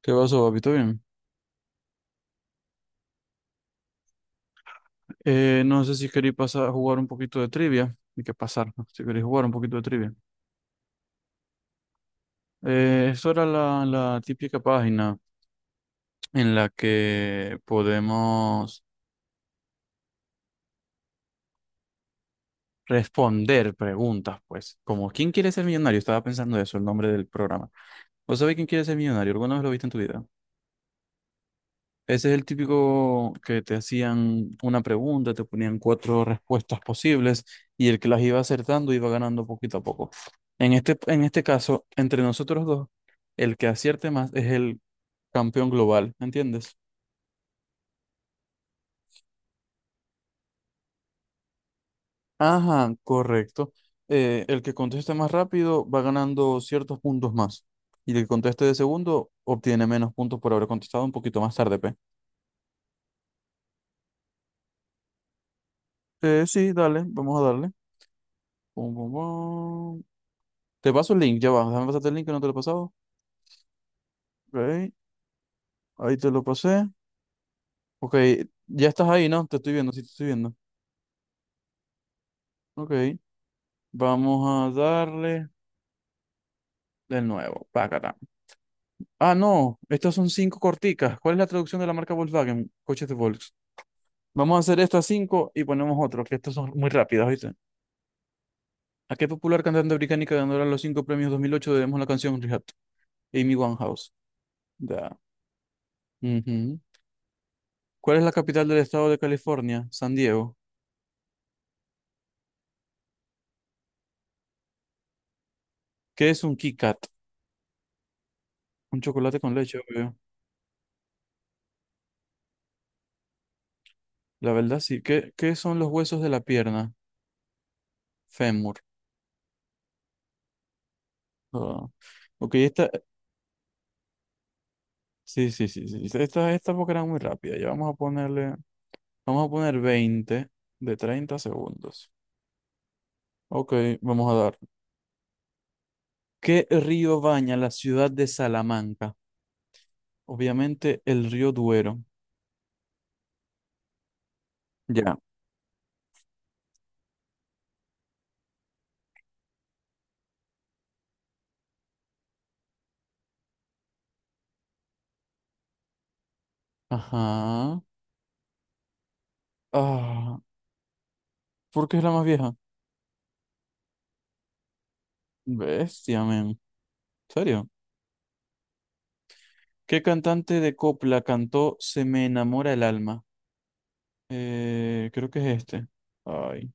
¿Qué pasó, papito? Bien. No sé si queréis pasar a jugar un poquito de trivia. Hay que pasar, ¿no? Si queréis jugar un poquito de trivia. Eso era la típica página en la que podemos responder preguntas, pues. Como ¿quién quiere ser millonario? Estaba pensando eso, el nombre del programa. ¿Vos sabés quién quiere ser millonario? ¿Alguna vez lo viste en tu vida? Ese es el típico que te hacían una pregunta, te ponían cuatro respuestas posibles y el que las iba acertando iba ganando poquito a poco. En este caso, entre nosotros dos, el que acierte más es el campeón global, ¿entiendes? Ajá, correcto. El que conteste más rápido va ganando ciertos puntos más. Y el que conteste de segundo obtiene menos puntos por haber contestado un poquito más tarde, P. Sí, dale, vamos a darle. Pum, pum, pum. Te paso el link, ya va. Déjame pasarte el link que no te lo he pasado. Ok, ahí te lo pasé. Ok, ya estás ahí, ¿no? Te estoy viendo, sí te estoy viendo. Ok, vamos a darle de nuevo. Pácata. Ah, no, estas son cinco corticas. ¿Cuál es la traducción de la marca Volkswagen? Coches de Volks. Vamos a hacer estas cinco y ponemos otro, que estas son muy rápidas, ¿viste? ¿A qué popular cantante británica ganadora de los cinco premios 2008 debemos la canción Rehab? Amy Winehouse. Da. Ujú. ¿Cuál es la capital del estado de California? San Diego. ¿Qué es un Kit Kat? Un chocolate con leche, obvio. La verdad, sí. ¿Qué son los huesos de la pierna? Fémur. Ah, ok, esta. Sí, sí, sí, sí, sí, esta porque era muy rápida. Ya vamos a ponerle. Vamos a poner 20 de 30 segundos. Ok, vamos a dar. ¿Qué río baña la ciudad de Salamanca? Obviamente el río Duero. Ya. Ajá. Ah, ¿por qué es la más vieja? Bestia, men. ¿En serio? ¿Qué cantante de copla cantó Se me enamora el alma? Creo que es este. Ay,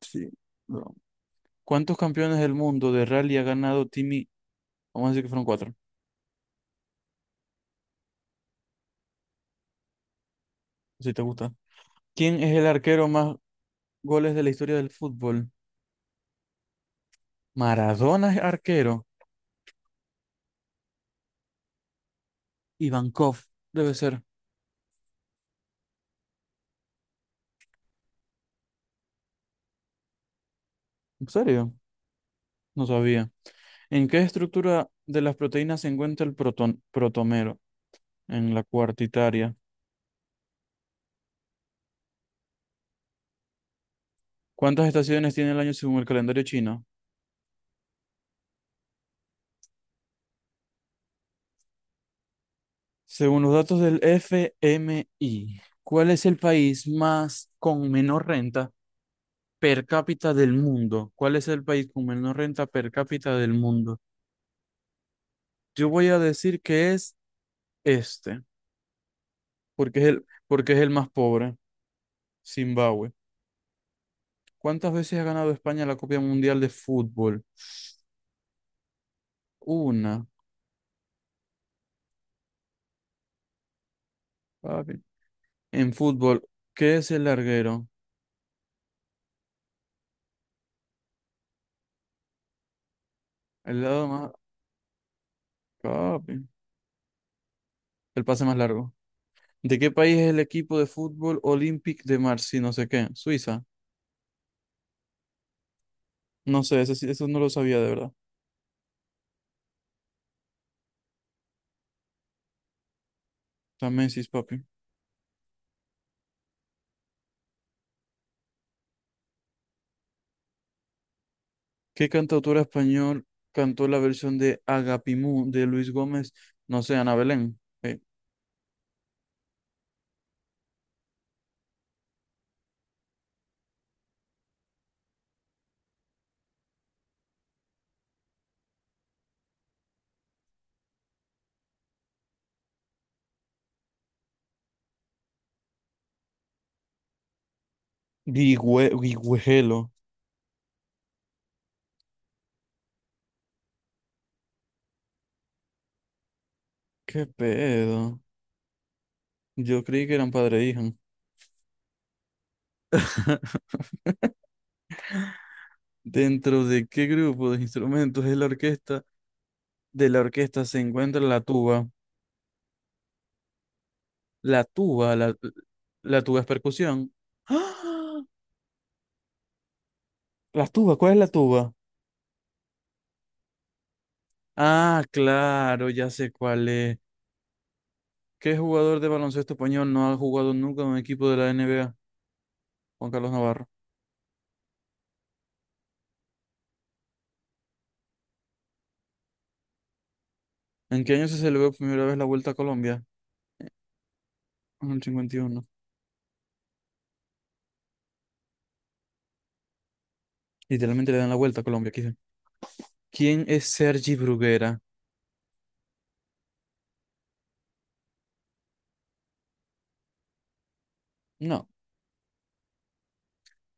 sí, bro. ¿Cuántos campeones del mundo de rally ha ganado Timmy? Vamos a decir que fueron cuatro, si te gusta. ¿Quién es el arquero más goles de la historia del fútbol? Maradona es arquero. Ivankov debe ser. ¿En serio? No sabía. ¿En qué estructura de las proteínas se encuentra el protomero? En la cuartitaria. ¿Cuántas estaciones tiene el año según el calendario chino? Según los datos del FMI, ¿cuál es el país más con menor renta per cápita del mundo? ¿Cuál es el país con menor renta per cápita del mundo? Yo voy a decir que es este, porque es el más pobre, Zimbabue. ¿Cuántas veces ha ganado España la Copa Mundial de Fútbol? Una, papi. En fútbol, ¿qué es el larguero? El lado más, papi. El pase más largo. ¿De qué país es el equipo de fútbol Olympique de Marseille? No sé qué. Suiza. No sé, eso, eso no lo sabía de verdad. También sí, papi. ¿Qué cantautora español cantó la versión de Agapimú de Luis Gómez? No sé, Ana Belén. Guigüelo. ¿Qué pedo? Yo creí que eran padre e hija. ¿Dentro de qué grupo de instrumentos es la orquesta? De la orquesta se encuentra la tuba. La tuba, la, la tuba es percusión. ¡Ah! La tuba, ¿cuál es la tuba? Ah, claro, ya sé cuál es. ¿Qué jugador de baloncesto español no ha jugado nunca en un equipo de la NBA? Juan Carlos Navarro. ¿En qué año se celebró por primera vez la Vuelta a Colombia? Eh, En el 51. Literalmente le dan la vuelta a Colombia, aquí. ¿Quién es Sergi Bruguera? No.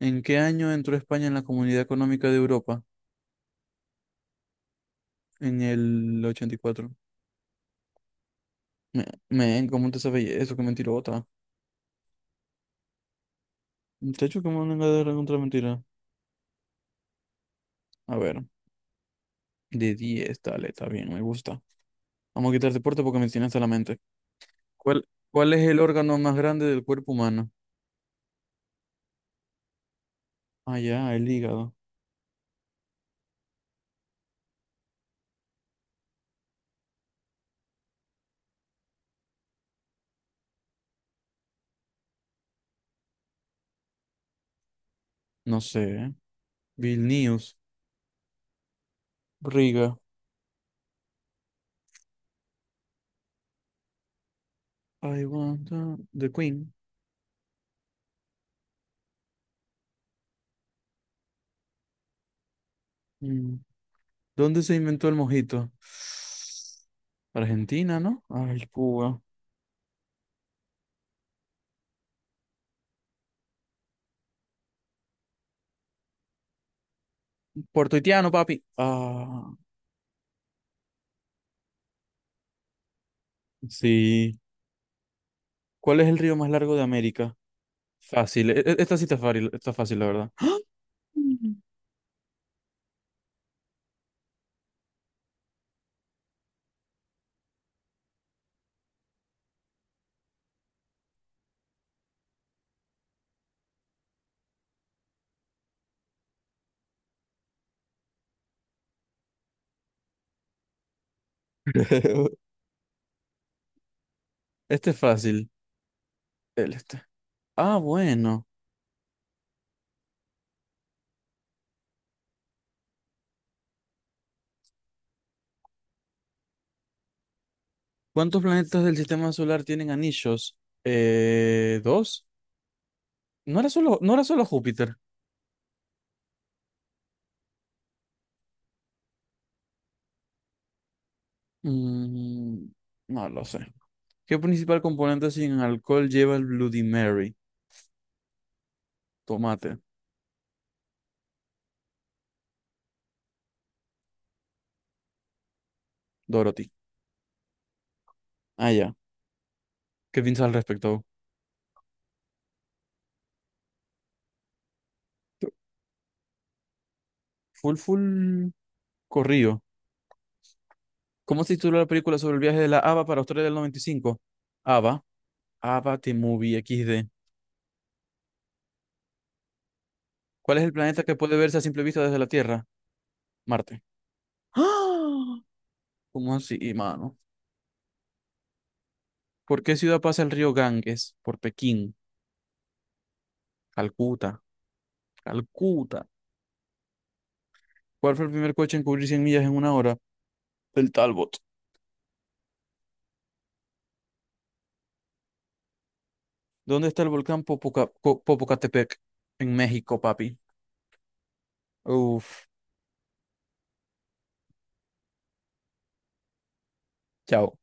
¿En qué año entró España en la Comunidad Económica de Europa? En el 84. Me, men, ¿cómo te sabes eso? Qué mentirota. Muchacho, ¿cómo no de contra mentira? A ver, de 10, dale, está bien, me gusta. Vamos a quitar deporte porque me tiene hasta la mente. ¿Cuál es el órgano más grande del cuerpo humano? Ah, ya, el hígado. No sé, ¿eh? Vilnius. Riga. I want to- The Queen. Mm. ¿Dónde se inventó el mojito? Argentina, ¿no? Ay, Cuba. Puertorriqueño, papi. Ah, sí. ¿Cuál es el río más largo de América? Fácil. Esta sí está fácil, la verdad. Este es fácil. El este. Ah, bueno. ¿Cuántos planetas del sistema solar tienen anillos? ¿Dos? No era solo Júpiter. Mm, no lo sé. ¿Qué principal componente sin alcohol lleva el Bloody Mary? Tomate. Dorothy. Ah, ya. ¿Qué piensas al respecto? Full, full corrido. ¿Cómo se tituló la película sobre el viaje de la Ava para Australia del 95? Ava. Ava The Movie XD. ¿Cuál es el planeta que puede verse a simple vista desde la Tierra? Marte. ¡Ah! ¿Cómo así, mano? ¿Por qué ciudad pasa el río Ganges? Por Pekín, Calcuta, Calcuta. ¿Cuál fue el primer coche en cubrir 100 millas en una hora? El Talbot. ¿Dónde está el volcán Popocatepec? En México, papi. Uf, chao.